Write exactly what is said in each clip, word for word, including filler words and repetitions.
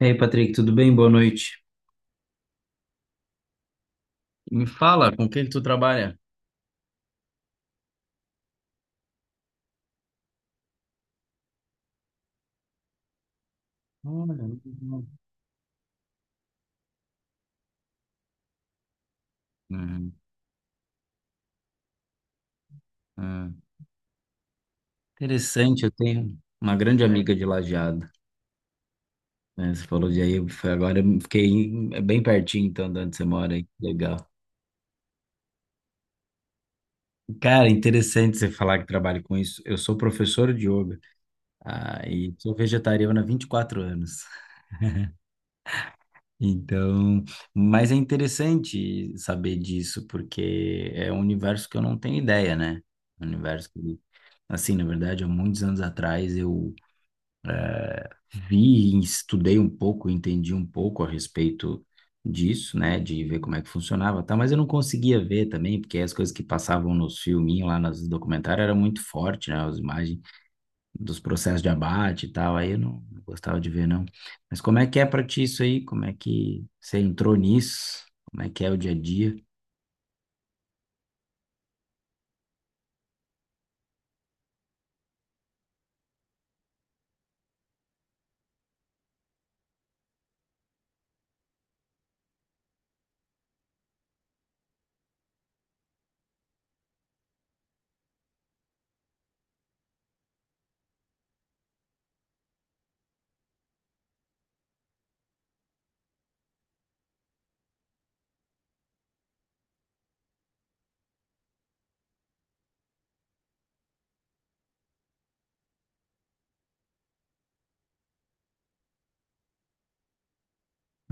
E aí, Patrick, tudo bem? Boa noite. Me fala, com quem tu trabalha? Olha, legal. Hum, hum. Interessante, eu tenho uma grande amiga de Lajeado, né? Você falou de aí, foi agora eu fiquei em- é bem pertinho, então, de onde você mora aí. Legal. Cara, interessante você falar que trabalha com isso. Eu sou professor de yoga, ah, e sou vegetariano há vinte e quatro anos. Então, mas é interessante saber disso, porque é um universo que eu não tenho ideia, né? Um universo que, assim, na verdade, há muitos anos atrás eu vi, e estudei um pouco, entendi um pouco a respeito disso, né? De ver como é que funcionava, tá? Mas eu não conseguia ver também, porque as coisas que passavam nos filminhos lá, nos documentários, era muito forte, né? As imagens dos processos de abate e tal, aí eu não, não gostava de ver, não. Mas como é que é pra ti isso aí? Como é que você entrou nisso? Como é que é o dia a dia?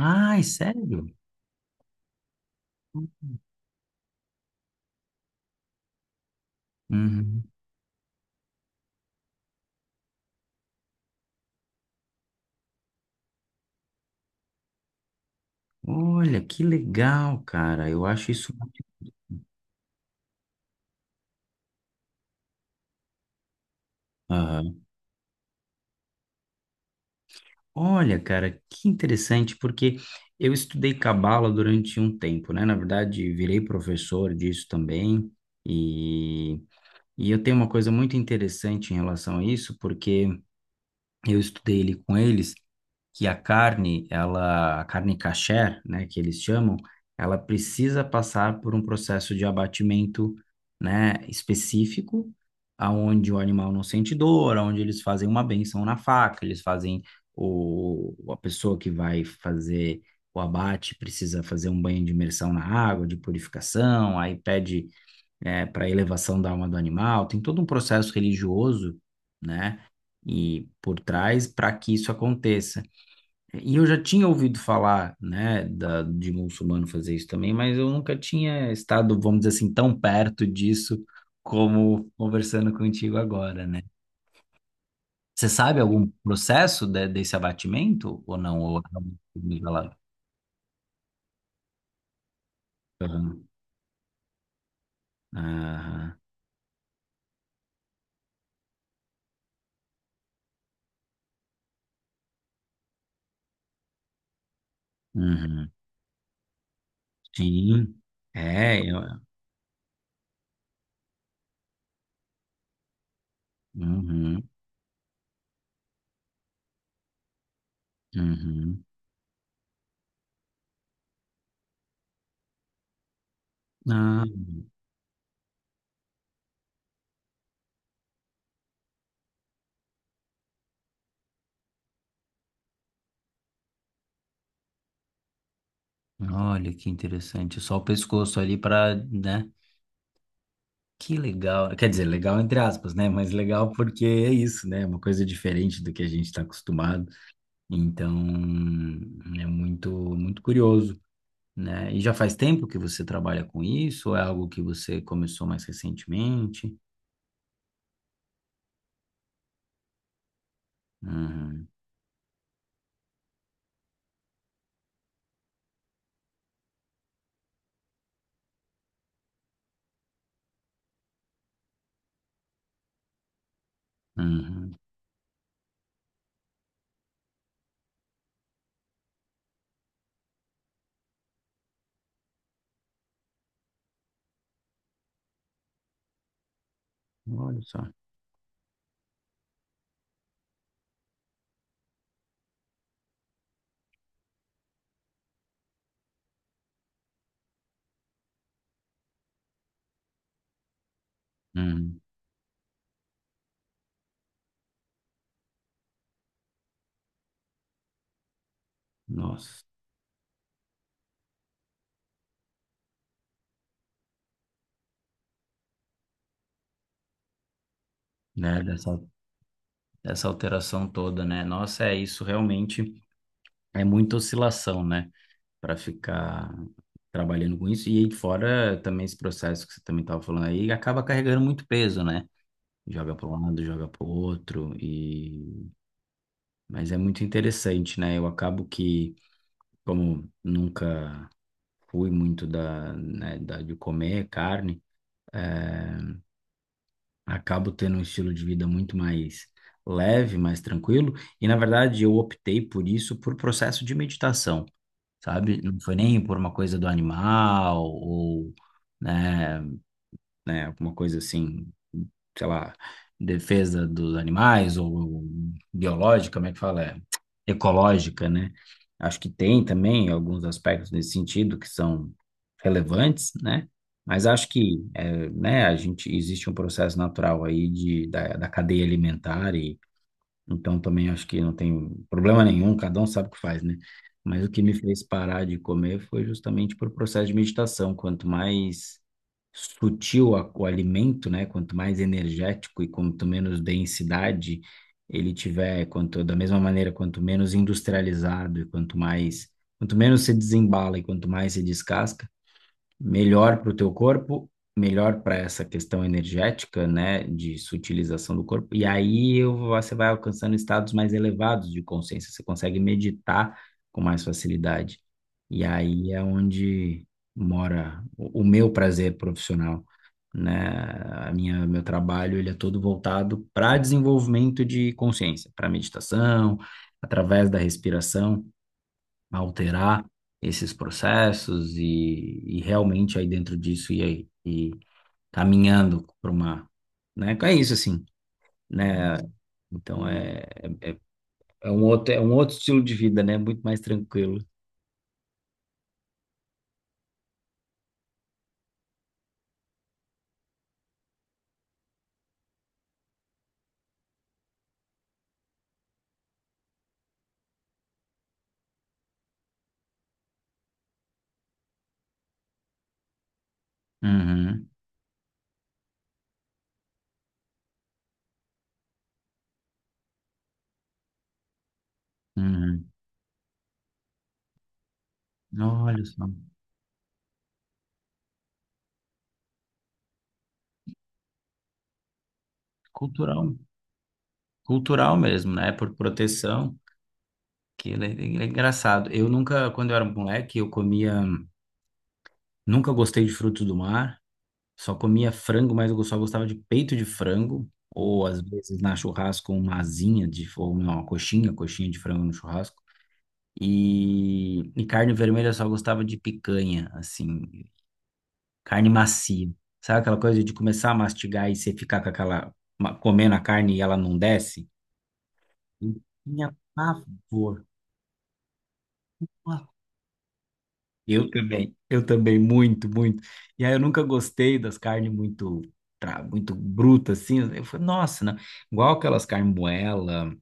Ai, sério? Uhum. Olha, que legal, cara. Eu acho isso. Aham. Olha, cara, que interessante, porque eu estudei cabala durante um tempo, né? Na verdade, virei professor disso também. E, e eu tenho uma coisa muito interessante em relação a isso, porque eu estudei ele com eles. Que a carne, ela, a carne kasher, né, que eles chamam, ela precisa passar por um processo de abatimento, né, específico, aonde o animal não sente dor, aonde eles fazem uma benção na faca, eles fazem o, a pessoa que vai fazer o abate precisa fazer um banho de imersão na água, de purificação, aí pede é, para elevação da alma do animal, tem todo um processo religioso, né, e por trás para que isso aconteça. E eu já tinha ouvido falar, né, da, de muçulmano fazer isso também, mas eu nunca tinha estado, vamos dizer assim, tão perto disso como conversando contigo agora, né? Você sabe algum processo de- desse abatimento ou não? Ou é realmente nivelado? Aham, aham, uhum. Sim, é, eu- uhum, uhum. Ah, olha que interessante. Só o pescoço ali para, né? Que legal. Quer dizer, legal entre aspas, né? Mas legal porque é isso, né? É uma coisa diferente do que a gente está acostumado. Então, é muito, muito curioso, né? E já faz tempo que você trabalha com isso? Ou é algo que você começou mais recentemente? Uhum, uhum. Olha só. Uhum. Nossa, né? Dessa, dessa alteração toda, né? Nossa, é isso realmente. É muita oscilação, né? Para ficar trabalhando com isso. E aí fora também esse processo que você também estava falando aí, acaba carregando muito peso, né? Joga para um lado, joga para o outro, e... mas é muito interessante, né? Eu acabo que, como nunca fui muito da, né, da, de comer carne, eh, acabo tendo um estilo de vida muito mais leve, mais tranquilo, e na verdade eu optei por isso por processo de meditação. Sabe? Não foi nem por uma coisa do animal ou, né, né, alguma coisa assim, sei lá, defesa dos animais ou biológica, como é que fala? É, ecológica, né? Acho que tem também alguns aspectos nesse sentido que são relevantes, né? Mas acho que, é, né, a gente existe um processo natural aí de, da, da cadeia alimentar, então também acho que não tem problema nenhum, cada um sabe o que faz, né? Mas o que me fez parar de comer foi justamente por processo de meditação. Quanto mais sutil a- o alimento, né? Quanto mais energético e quanto menos densidade ele tiver, quanto da mesma maneira, quanto menos industrializado e quanto mais, quanto menos se desembala e quanto mais se descasca, melhor para o teu corpo, melhor para essa questão energética, né, de sutilização do corpo. E aí eu- você vai alcançando estados mais elevados de consciência, você consegue meditar com mais facilidade. E aí é onde mora o, o meu prazer profissional, né? A minha, meu trabalho, ele é todo voltado para desenvolvimento de consciência, para meditação, através da respiração alterar esses processos e, e realmente aí dentro disso e aí e caminhando para uma, né? É isso assim, né? Então é, é, é um outro é um outro estilo de vida, né? Muito mais tranquilo. Uhum, uhum. Olha só, cultural, cultural mesmo, né? Por proteção. Que é, é engraçado. Eu nunca, quando eu era moleque, eu comia, nunca gostei de frutos do mar. Só comia frango, mas eu só gostava de peito de frango, ou às vezes na churrasco uma asinha de, ou não, uma coxinha, coxinha de frango no churrasco. E, e carne vermelha eu só gostava de picanha, assim, carne macia. Sabe aquela coisa de começar a mastigar e você ficar com aquela, ma- comendo a carne e ela não desce? Eu tinha pavor. Eu também, eu também, muito, muito. E aí eu nunca gostei das carnes muito, tra- muito brutas, assim. Eu falei, nossa, não. Igual aquelas carnes moela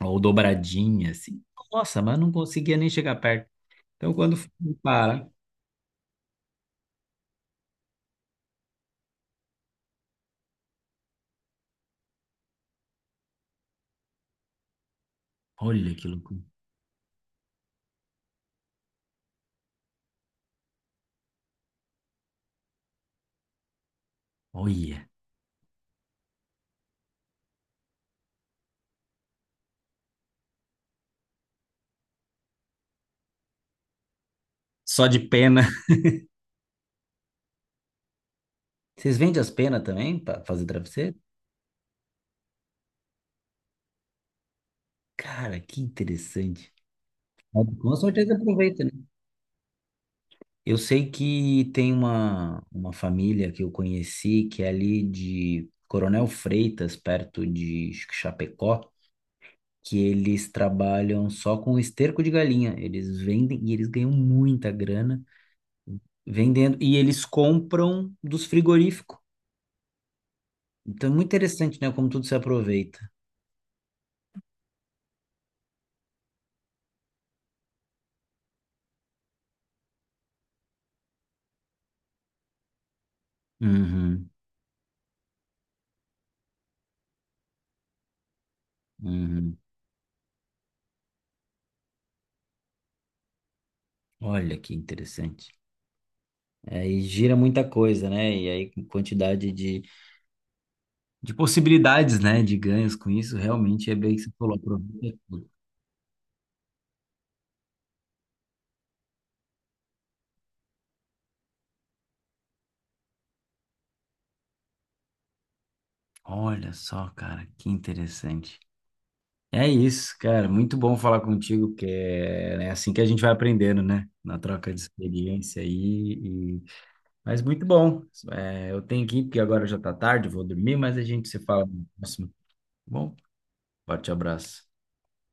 ou dobradinha, assim. Nossa, mas eu não conseguia nem chegar perto. Então quando fui para, olha que loucura, olha. Só de pena. Vocês vendem as penas também para fazer travesseiro? Cara, que interessante. Com certeza aproveita, né? Eu sei que tem uma, uma família que eu conheci, que é ali de Coronel Freitas, perto de acho que Chapecó, que eles trabalham só com esterco de galinha. Eles vendem e eles ganham muita grana vendendo, e eles compram dos frigoríficos. Então é muito interessante, né? Como tudo se aproveita. Uhum, uhum. Olha que interessante. Aí gira muita coisa, né? E aí quantidade de de possibilidades, né, de ganhos com isso, realmente é bem que você falou, aproveita tudo. Olha só, cara, que interessante. É isso, cara, muito bom falar contigo, que é, né, assim que a gente vai aprendendo, né, na troca de experiência aí, e... mas muito bom. É, eu tenho que ir, porque agora já tá tarde, vou dormir, mas a gente se fala no próximo. Tá bom, forte abraço.